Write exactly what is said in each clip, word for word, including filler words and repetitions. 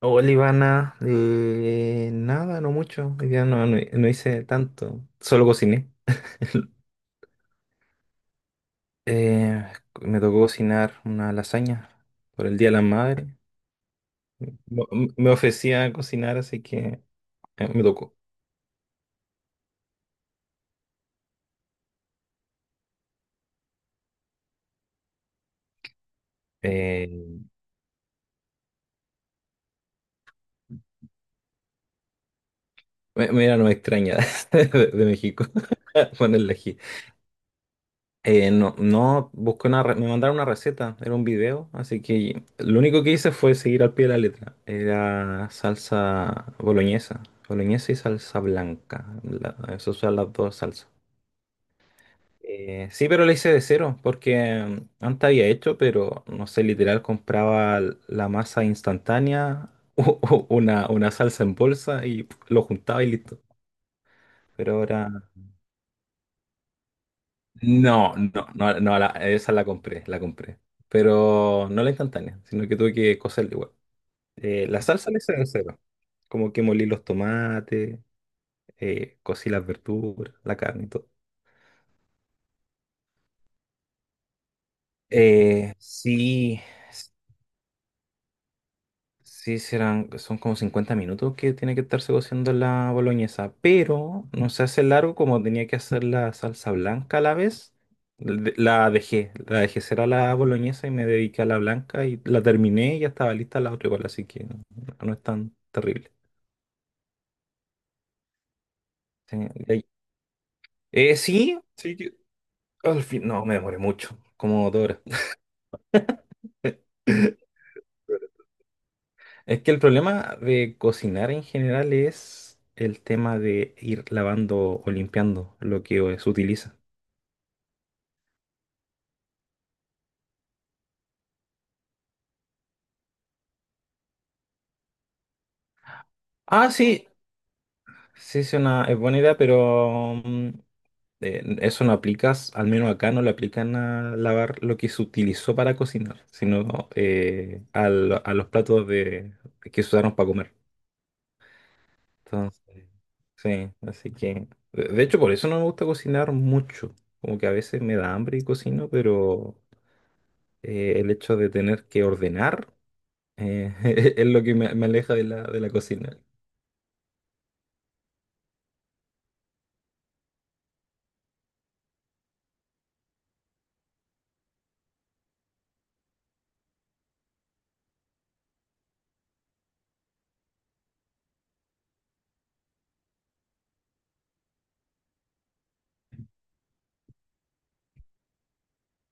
Hola Ivana, eh, nada, no mucho, hoy día no, no, no hice tanto, solo cociné. Eh, me tocó cocinar una lasaña por el Día de la Madre. Mo- m- Me ofrecía cocinar, así que eh, me tocó. Eh, me- mira, no me extraña de, de México ponerle ají. Eh, no, no, busqué una, re- me mandaron una receta, era un video, así que lo único que hice fue seguir al pie de la letra. Era salsa boloñesa, boloñesa y salsa blanca, la- esas son las dos salsas. Eh, sí, pero la hice de cero, porque mm, antes había hecho, pero no sé, literal compraba l- la masa instantánea, u- u- una, una salsa en bolsa y pf, lo juntaba y listo. Pero ahora... No, no, no, no, la- esa la compré, la compré. Pero no la instantánea, sino que tuve que cocerla igual. Eh, la salsa la hice de cero. Como que molí los tomates, eh, cocí las verduras, la carne y todo. Eh, sí, sí, serán, son como cincuenta minutos que tiene que estarse cociendo la boloñesa, pero no se hace largo como tenía que hacer la salsa blanca a la vez. de- La dejé, la dejé ser a la boloñesa y me dediqué a la blanca y la terminé y ya estaba lista la otra igual, así que no, no es tan terrible. Sí, y ahí- eh, sí, sí, que- al fin, no, me demoré mucho, como dos horas. Es que el problema de cocinar en general es el tema de ir lavando o limpiando lo que eh, se utiliza. Ah, sí, sí, es una es buena idea, pero mm, eh, eso no aplicas, al menos acá no le aplican a lavar lo que se utilizó para cocinar, sino eh, al- a los platos de, que se usaron para comer. Entonces, sí, así que, de de hecho, por eso no me gusta cocinar mucho. Como que a veces me da hambre y cocino, pero eh, el hecho de tener que ordenar eh, es lo que me, me aleja de la, de la cocina.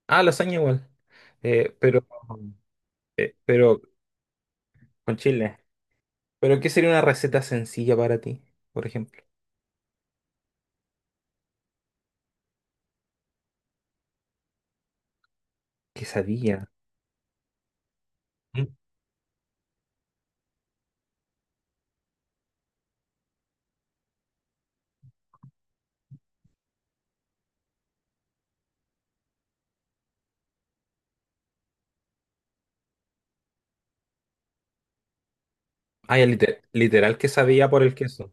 Ah, lasaña igual. Eh, pero, eh, pero con chile. ¿Pero qué sería una receta sencilla para ti, por ejemplo? Quesadilla. ¿Mm? Ah, ya, lite- literal quesadilla por el queso.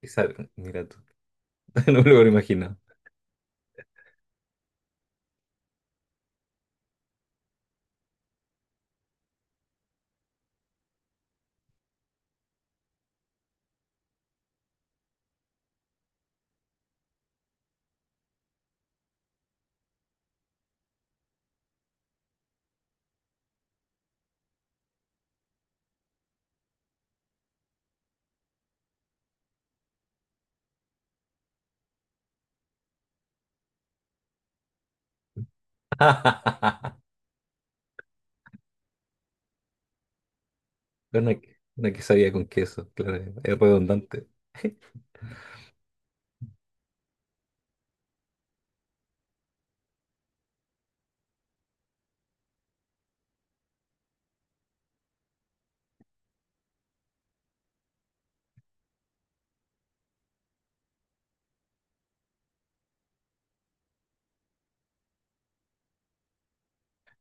Quesa- Mira tú, no me lo hubiera imaginado. Una, una quesadilla con queso, claro, es redundante.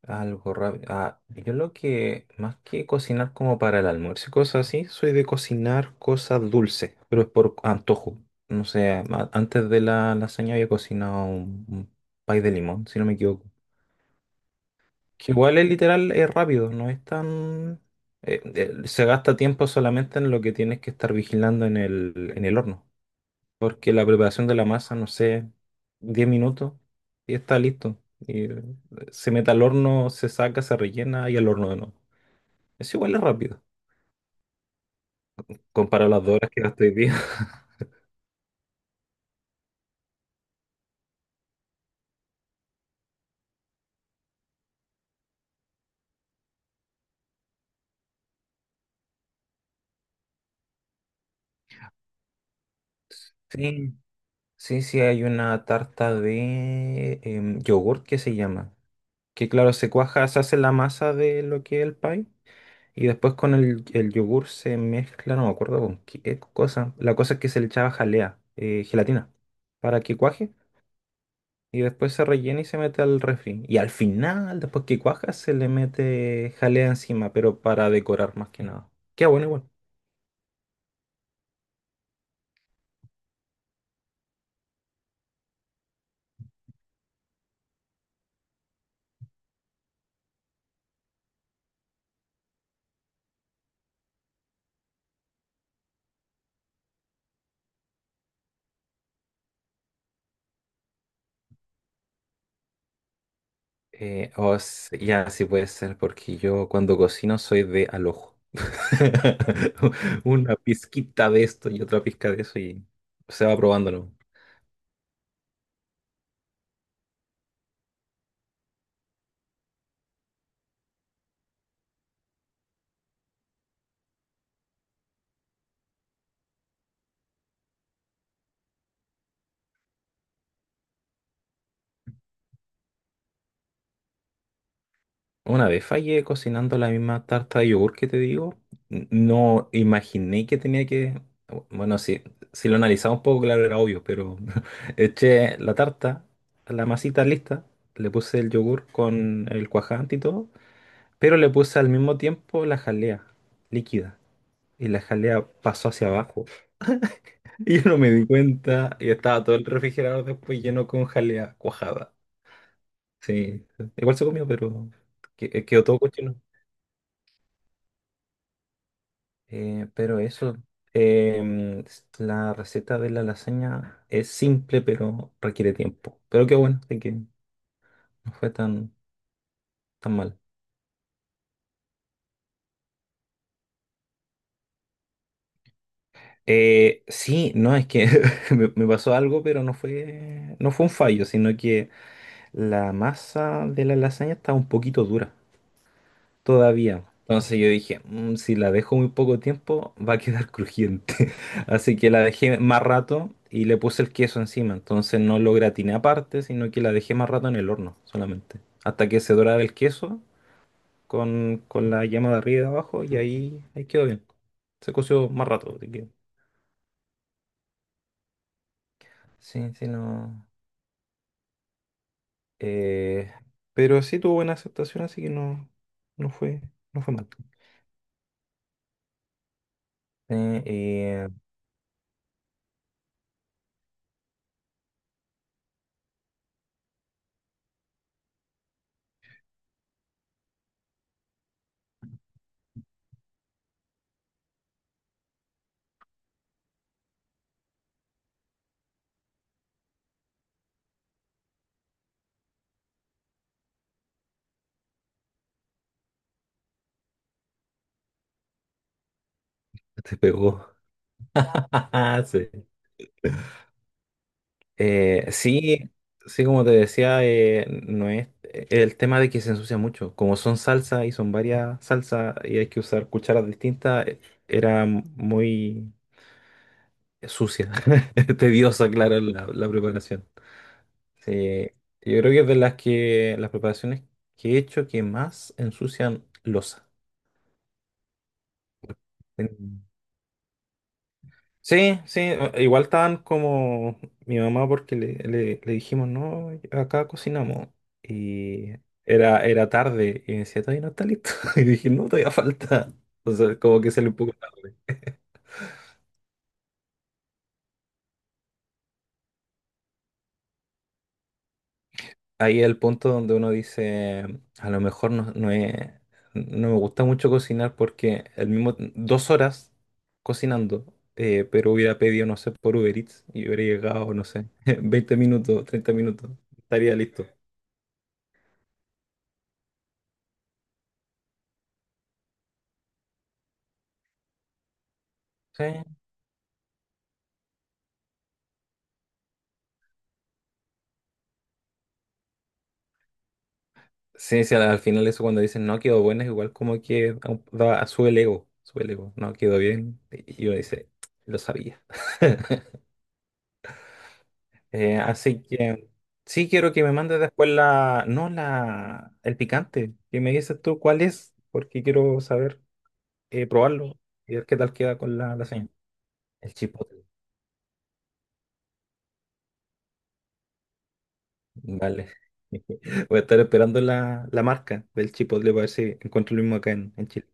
Algo rápido. Ah, yo lo que, más que cocinar como para el almuerzo y cosas así, soy de cocinar cosas dulces, pero es por antojo. No sé, a- antes de la lasaña había cocinado un, un pay de limón, si no me equivoco. Que igual es literal, es rápido, no es tan... eh, eh, se gasta tiempo solamente en lo que tienes que estar vigilando en el, en el horno porque la preparación de la masa, no sé, diez minutos y está listo. Y eh, se mete al horno, se saca, se rellena y al horno de nuevo. Es igual es rápido, comparado a las dos horas que gasté hoy día. Sí, sí, sí, hay una tarta de em, yogurt que se llama. Que claro, se cuaja, se hace la masa de lo que es el pie. Y después con el, el yogur se mezcla, no me acuerdo con qué cosa. La cosa es que se le echaba jalea, eh, gelatina, para que cuaje. Y después se rellena y se mete al refri. Y al final, después que cuaja, se le mete jalea encima, pero para decorar más que nada. Queda bueno igual. Eh, o s- ya, sí puede ser, porque yo cuando cocino soy de al ojo. Una pizquita de esto y otra pizca de eso y se va probándolo. Una vez fallé cocinando la misma tarta de yogur que te digo, n- no imaginé que tenía que... Bueno, sí, si lo analizaba un poco, claro, era obvio, pero eché la tarta, la masita lista, le puse el yogur con el cuajante y todo, pero le puse al mismo tiempo la jalea líquida y la jalea pasó hacia abajo. Y yo no me di cuenta y estaba todo el refrigerador después lleno con jalea cuajada. Sí, igual se comió, pero que- quedó todo cochino. Eh, pero eso, em, s- la receta de la lasaña es simple, pero requiere tiempo. Pero qué bueno, de que no fue tan, tan mal. Eh, sí, no, es que me, me pasó algo, pero no fue, no fue un fallo, sino que la masa de la lasaña estaba un poquito dura. todavía. Entonces yo dije: "Mm, si la dejo muy poco tiempo, va a quedar crujiente". Así que la dejé más rato y le puse el queso encima. Entonces no lo gratiné aparte, sino que la dejé más rato en el horno solamente. Hasta que se doraba el queso con, con la llama de arriba y de abajo y ahí, ahí quedó bien. Se coció más rato. así que- Sí, sí, no. eh, pero sí tuvo buena aceptación, así que no, no fue, no fue mal. Eh, eh, te pegó. Sí. Eh, sí, sí, como te decía, eh, no es eh, el tema de que se ensucia mucho. Como son salsa y son varias salsas y hay que usar cucharas distintas, eh, era muy sucia, tediosa, claro, la, la preparación. Sí, yo creo que es de las que las preparaciones que he hecho que más ensucian losa. Sí, sí, eh, igual estaban como mi mamá porque le, le- le dijimos, no, acá cocinamos. Y era, era tarde y me decía, todavía no está listo. Y dije, no, todavía falta. Entonces, como que se le un poco... Ahí es el punto donde uno dice, a lo mejor no, no, es- no me gusta mucho cocinar porque el mismo, dos horas cocinando, eh, pero hubiera pedido, no sé, por Uber Eats y hubiera llegado, no sé, veinte minutos, treinta minutos, estaría listo. Sí. Sí, sí, al, al final eso cuando dicen no quedó bueno es igual como que au- da, sube el ego, sube el ego, no quedó bien. Y uno dice, lo sabía. Eh, así que sí quiero que me mandes después la, no la, el picante, que me dices tú cuál es, porque quiero saber, eh, probarlo y ver qué tal queda con la lasaña. El chipotle, vale. Voy a estar esperando la, la marca del chipotle para ver si encuentro lo mismo acá en, en Chile.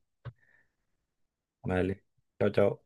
Vale, chao, chao.